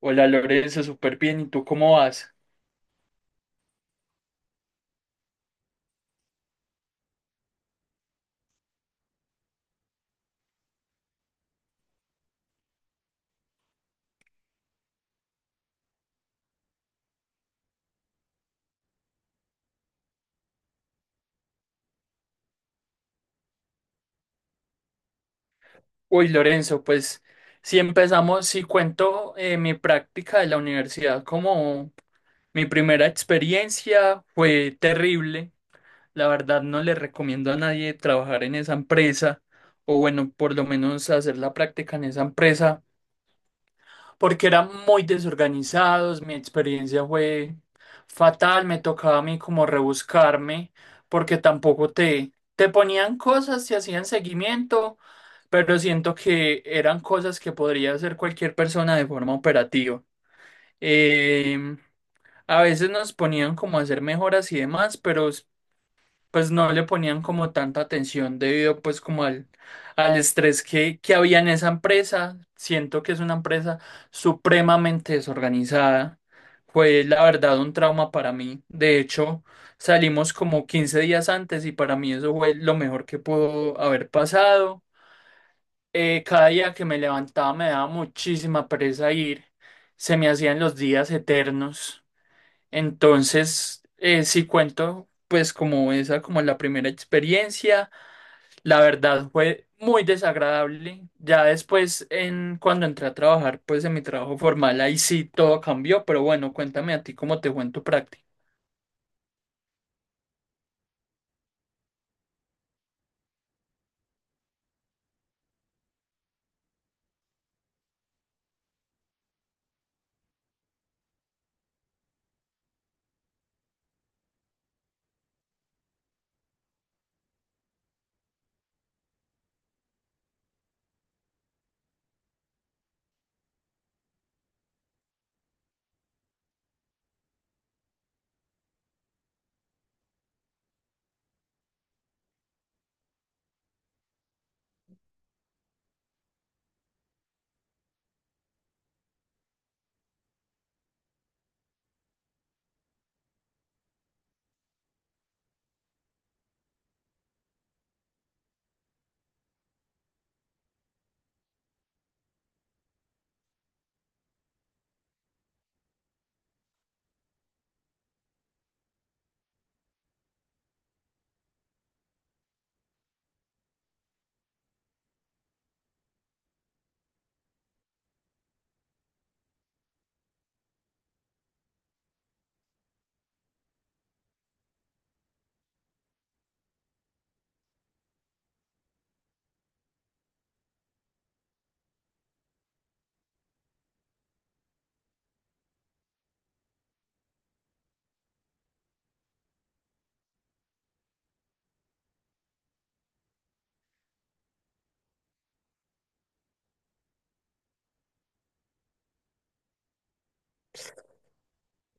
Hola Lorenzo, súper bien. ¿Y tú cómo vas? Uy, Lorenzo, pues si cuento mi práctica de la universidad como mi primera experiencia fue terrible. La verdad no le recomiendo a nadie trabajar en esa empresa o bueno, por lo menos hacer la práctica en esa empresa porque eran muy desorganizados, mi experiencia fue fatal, me tocaba a mí como rebuscarme, porque tampoco te ponían cosas, te hacían seguimiento, pero siento que eran cosas que podría hacer cualquier persona de forma operativa. Em, a veces nos ponían como a hacer mejoras y demás, pero pues no le ponían como tanta atención debido pues como al estrés que había en esa empresa. Siento que es una empresa supremamente desorganizada. Fue la verdad un trauma para mí. De hecho, salimos como 15 días antes y para mí eso fue lo mejor que pudo haber pasado. Cada día que me levantaba me daba muchísima pereza ir. Se me hacían los días eternos. Entonces, sí cuento, pues como esa, como la primera experiencia, la verdad fue muy desagradable. Ya después, cuando entré a trabajar, pues en mi trabajo formal, ahí sí todo cambió, pero bueno, cuéntame a ti cómo te fue en tu práctica.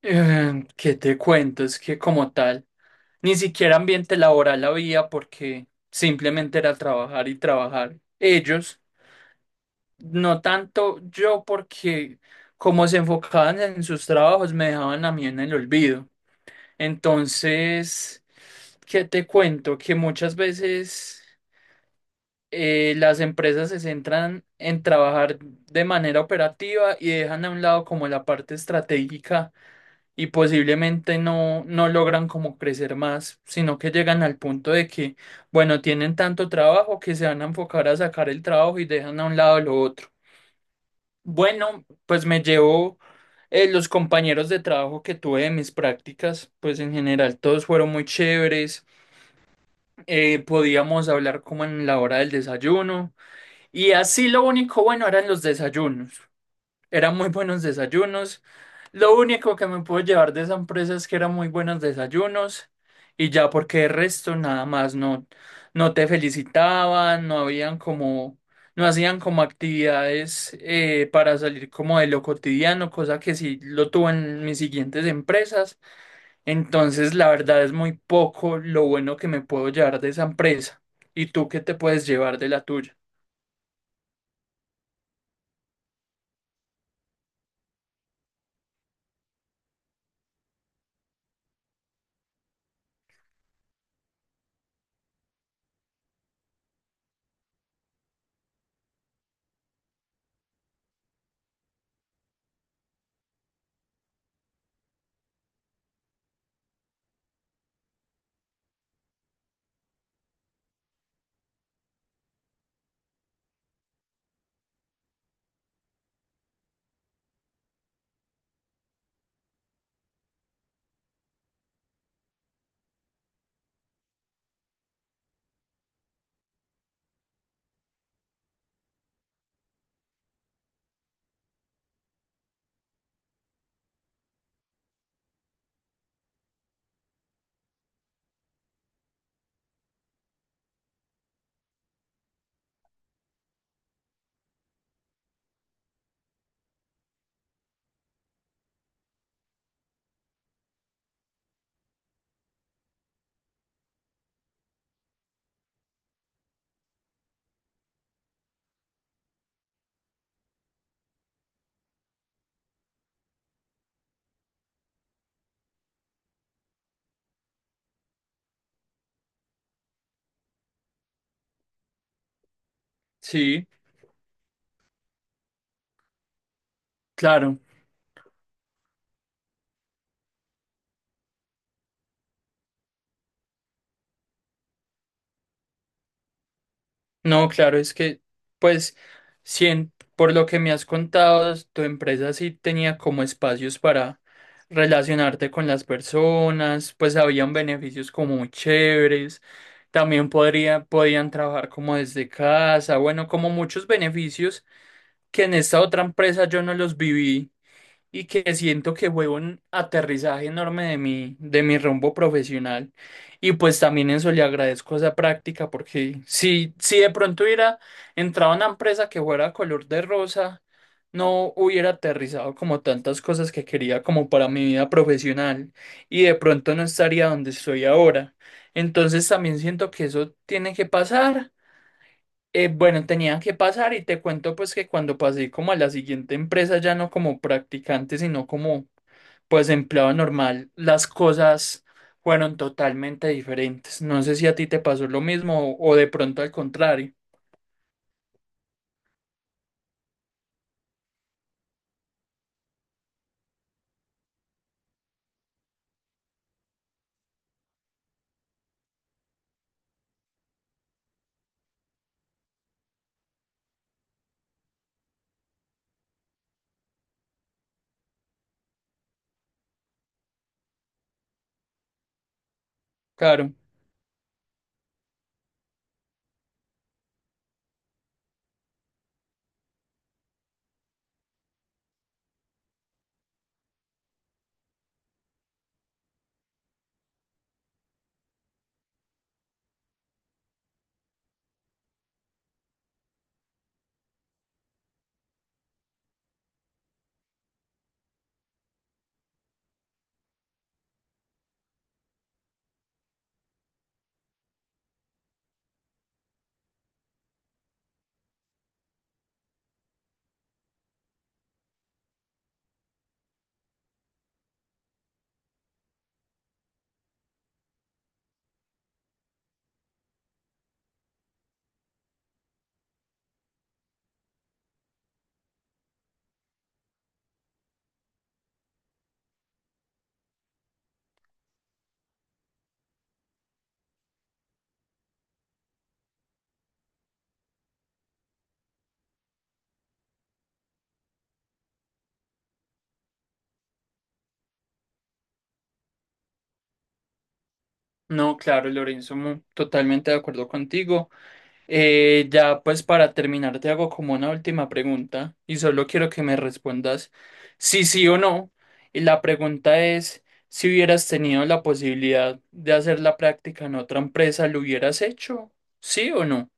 ¿Qué te cuento? Es que como tal, ni siquiera ambiente laboral había porque simplemente era trabajar y trabajar. Ellos. No tanto yo porque como se enfocaban en sus trabajos me dejaban a mí en el olvido. Entonces, ¿qué te cuento? Que muchas veces las empresas se centran en trabajar de manera operativa y dejan a un lado como la parte estratégica y posiblemente no logran como crecer más, sino que llegan al punto de que, bueno, tienen tanto trabajo que se van a enfocar a sacar el trabajo y dejan a un lado lo otro. Bueno, pues me llevo los compañeros de trabajo que tuve de mis prácticas, pues en general todos fueron muy chéveres, podíamos hablar como en la hora del desayuno y así lo único bueno eran los desayunos. Eran muy buenos desayunos. Lo único que me puedo llevar de esa empresa es que eran muy buenos desayunos y ya porque el resto nada más no te felicitaban, no habían como, no hacían como actividades para salir como de lo cotidiano, cosa que sí lo tuve en mis siguientes empresas. Entonces la verdad es muy poco lo bueno que me puedo llevar de esa empresa. ¿Y tú qué te puedes llevar de la tuya? Sí, claro. No, claro, es que, pues, si en- por lo que me has contado, tu empresa sí tenía como espacios para relacionarte con las personas, pues habían beneficios como muy chéveres, también podían trabajar como desde casa, bueno, como muchos beneficios que en esta otra empresa yo no los viví y que siento que fue un aterrizaje enorme de de mi rumbo profesional. Y pues también eso le agradezco esa práctica, porque si de pronto hubiera entrado a una empresa que fuera color de rosa, no hubiera aterrizado como tantas cosas que quería como para mi vida profesional y de pronto no estaría donde estoy ahora. Entonces también siento que eso tiene que pasar. Bueno, tenían que pasar y te cuento pues que cuando pasé como a la siguiente empresa, ya no como practicante, sino como pues empleado normal, las cosas fueron totalmente diferentes. No sé si a ti te pasó lo mismo o de pronto al contrario. Claro, no, claro, Lorenzo, totalmente de acuerdo contigo. Ya pues para terminar te hago como una última pregunta y solo quiero que me respondas si sí o no. Y la pregunta es, si hubieras tenido la posibilidad de hacer la práctica en otra empresa, ¿lo hubieras hecho? ¿Sí o no?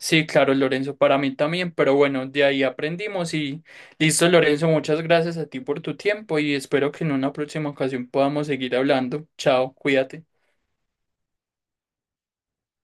Sí, claro, Lorenzo, para mí también, pero bueno, de ahí aprendimos y listo, Lorenzo, muchas gracias a ti por tu tiempo y espero que en una próxima ocasión podamos seguir hablando. Chao, cuídate.